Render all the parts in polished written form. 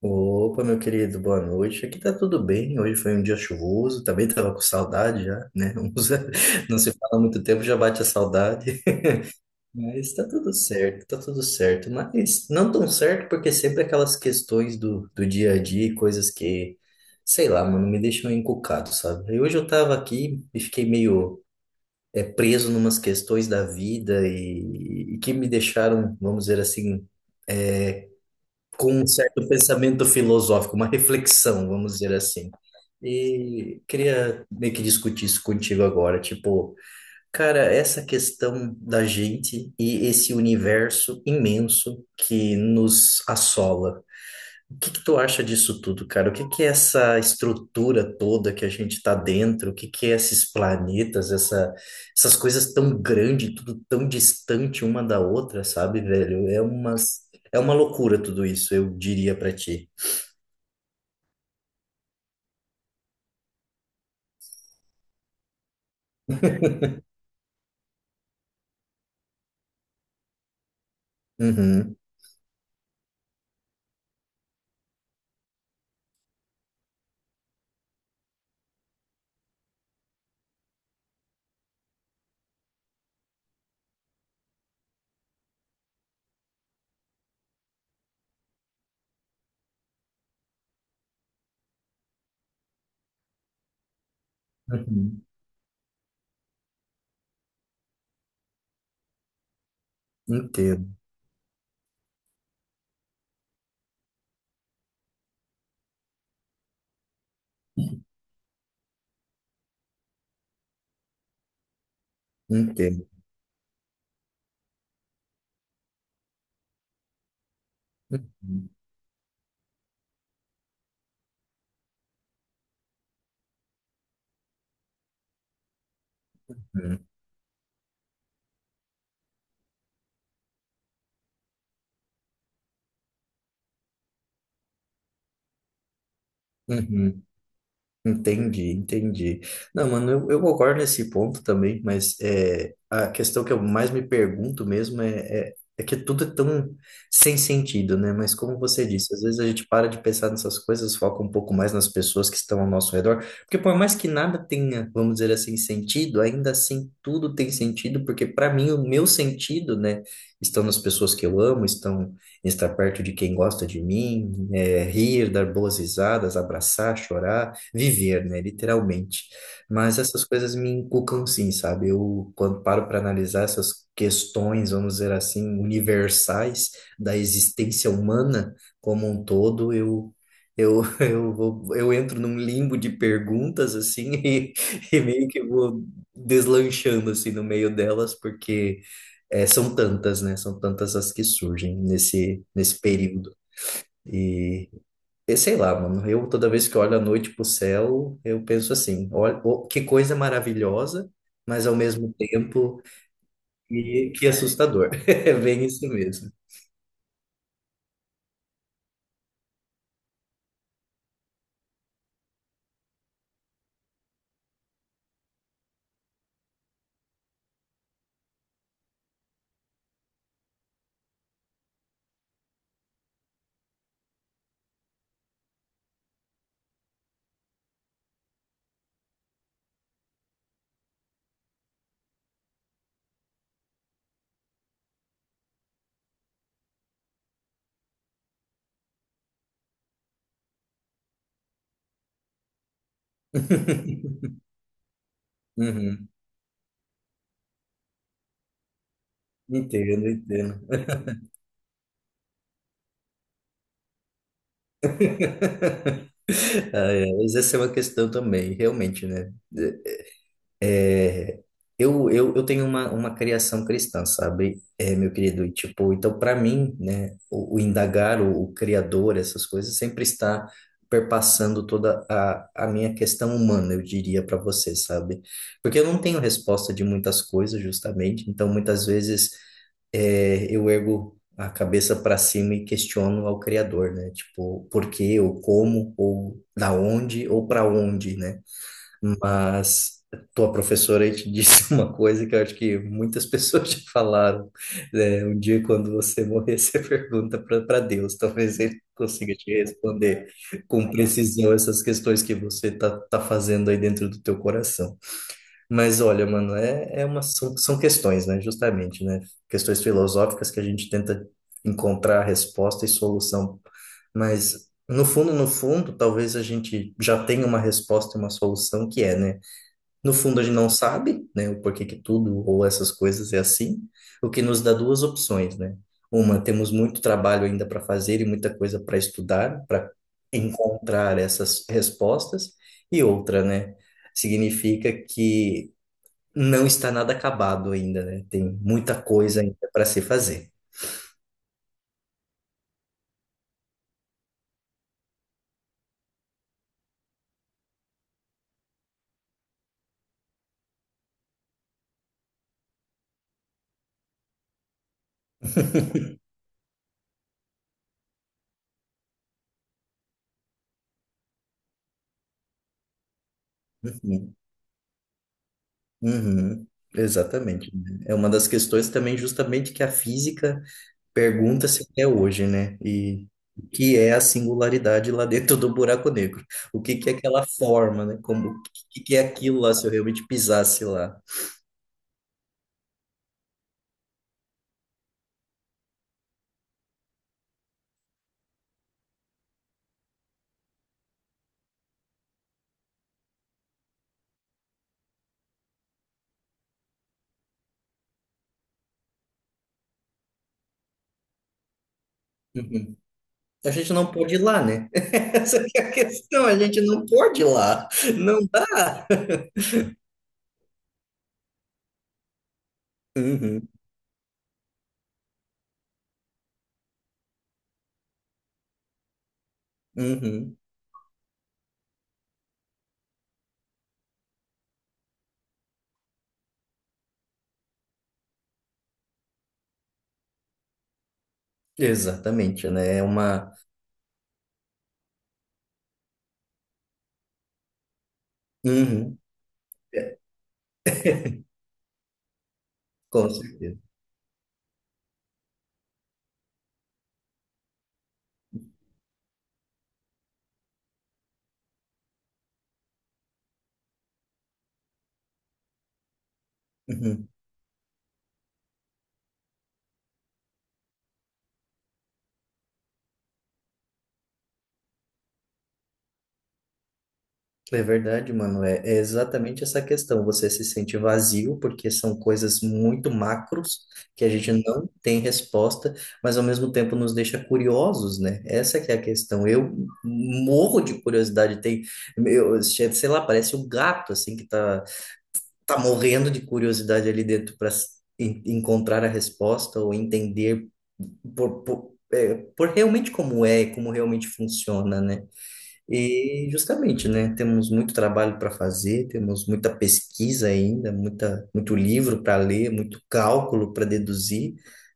Opa, meu querido, boa noite. Aqui tá tudo bem. Hoje foi um dia chuvoso, também tava com saudade já, né? Não se fala há muito tempo, já bate a saudade. Mas tá tudo certo, tá tudo certo. Mas não tão certo, porque sempre aquelas questões do dia a dia, e coisas que, sei lá, mano, me deixam encucado, sabe? E hoje eu tava aqui e fiquei meio preso numas questões da vida e que me deixaram, vamos dizer assim, com um certo pensamento filosófico, uma reflexão, vamos dizer assim. E queria meio que discutir isso contigo agora, tipo, cara, essa questão da gente e esse universo imenso que nos assola. O que que tu acha disso tudo, cara? O que que é essa estrutura toda que a gente está dentro? O que que é esses planetas, essa, essas coisas tão grandes, tudo tão distante uma da outra, sabe, velho? É umas, é uma loucura tudo isso, eu diria pra ti. Uhum, uhum. Entendo, entendo. Uhum, uhum, uhum. Entendi, entendi. Não, mano, eu concordo nesse ponto também, mas é, a questão que eu mais me pergunto mesmo é, é que tudo é tão sem sentido, né? Mas como você disse, às vezes a gente para de pensar nessas coisas, foca um pouco mais nas pessoas que estão ao nosso redor, porque por mais que nada tenha, vamos dizer assim, sentido, ainda assim tudo tem sentido, porque para mim o meu sentido, né, estão nas pessoas que eu amo, estão em estar perto de quem gosta de mim, é, rir, dar boas risadas, abraçar, chorar, viver, né, literalmente. Mas essas coisas me inculcam sim, sabe? Eu, quando paro para analisar essas questões, vamos dizer assim, universais da existência humana como um todo, eu eu vou, eu entro num limbo de perguntas assim e meio que vou deslanchando assim no meio delas, porque é, são tantas, né? São tantas as que surgem nesse período. Eu sei lá, mano. Eu toda vez que olho à noite pro céu, eu penso assim: olha, ô, que coisa maravilhosa, mas ao mesmo tempo que assustador. É bem isso mesmo. Uhum. Entendo, entendo. Ah, é, mas essa é uma questão também, realmente, né? É, eu tenho uma criação cristã, sabe, é, meu querido? E, tipo, então, para mim, né, o indagar, o Criador, essas coisas, sempre está perpassando toda a minha questão humana, eu diria para você, sabe? Porque eu não tenho resposta de muitas coisas, justamente, então, muitas vezes, é, eu ergo a cabeça para cima e questiono ao Criador, né? Tipo, por quê, ou como, ou da onde, ou para onde, né? Mas tua professora aí te disse uma coisa que eu acho que muitas pessoas já falaram, né? Um dia, quando você morrer, você pergunta para Deus. Talvez ele consiga te responder com precisão essas questões que você tá fazendo aí dentro do teu coração. Mas olha, mano, é, é uma, são, são questões, né? Justamente, né? Questões filosóficas que a gente tenta encontrar resposta e solução. Mas, no fundo, no fundo, talvez a gente já tenha uma resposta e uma solução que é, né? No fundo, a gente não sabe, né, o porquê que tudo ou essas coisas é assim, o que nos dá duas opções, né? Uma, temos muito trabalho ainda para fazer e muita coisa para estudar, para encontrar essas respostas, e outra, né, significa que não está nada acabado ainda, né? Tem muita coisa ainda para se fazer. Uhum, uhum, exatamente, né? É uma das questões também, justamente, que a física pergunta-se até hoje, né? E o que é a singularidade lá dentro do buraco negro? O que que é aquela forma, né? Como, o que que é aquilo lá se eu realmente pisasse lá? Uhum. A gente não pode ir lá, né? Essa que é a questão, a gente não pode ir lá. Não dá. Uhum, uhum. Exatamente, né? É uma. Uhum, com certeza. Uhum. É verdade, mano. É, é exatamente essa questão. Você se sente vazio porque são coisas muito macros que a gente não tem resposta, mas ao mesmo tempo nos deixa curiosos, né? Essa que é a questão. Eu morro de curiosidade. Tem, eu, sei lá, parece um gato assim que tá, tá morrendo de curiosidade ali dentro para encontrar a resposta ou entender por realmente como é, como realmente funciona, né? E justamente, né, temos muito trabalho para fazer, temos muita pesquisa ainda, muita, muito livro para ler, muito cálculo para deduzir,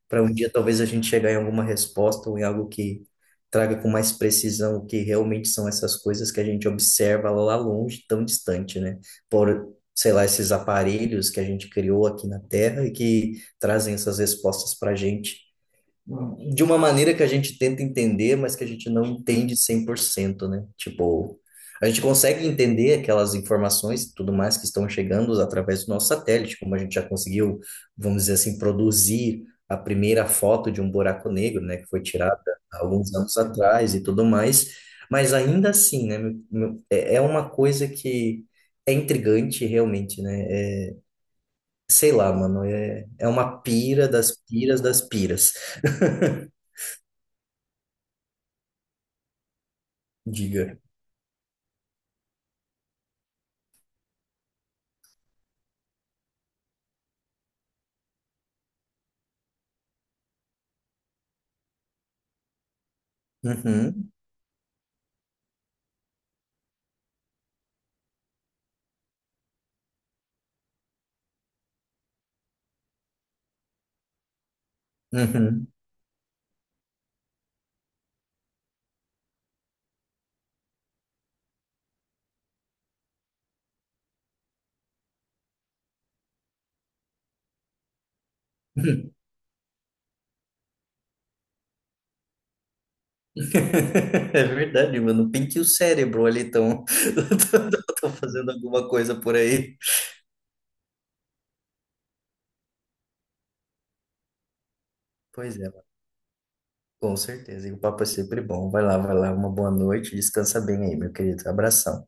para um dia talvez a gente chegar em alguma resposta ou em algo que traga com mais precisão o que realmente são essas coisas que a gente observa lá longe, tão distante, né? Por, sei lá, esses aparelhos que a gente criou aqui na Terra e que trazem essas respostas para a gente de uma maneira que a gente tenta entender, mas que a gente não entende 100%, né? Tipo, a gente consegue entender aquelas informações e tudo mais que estão chegando através do nosso satélite, como a gente já conseguiu, vamos dizer assim, produzir a primeira foto de um buraco negro, né, que foi tirada há alguns anos atrás e tudo mais, mas ainda assim, né, é é uma coisa que é intrigante realmente, né? É, sei lá, mano, é, é uma pira das piras das piras. Diga. Uhum, uhum. É verdade, mano. Pinte o cérebro ali, então. Tô fazendo alguma coisa por aí. Pois é, mano. Com certeza. E o papo é sempre bom. Vai lá, vai lá. Uma boa noite. Descansa bem aí, meu querido. Abração.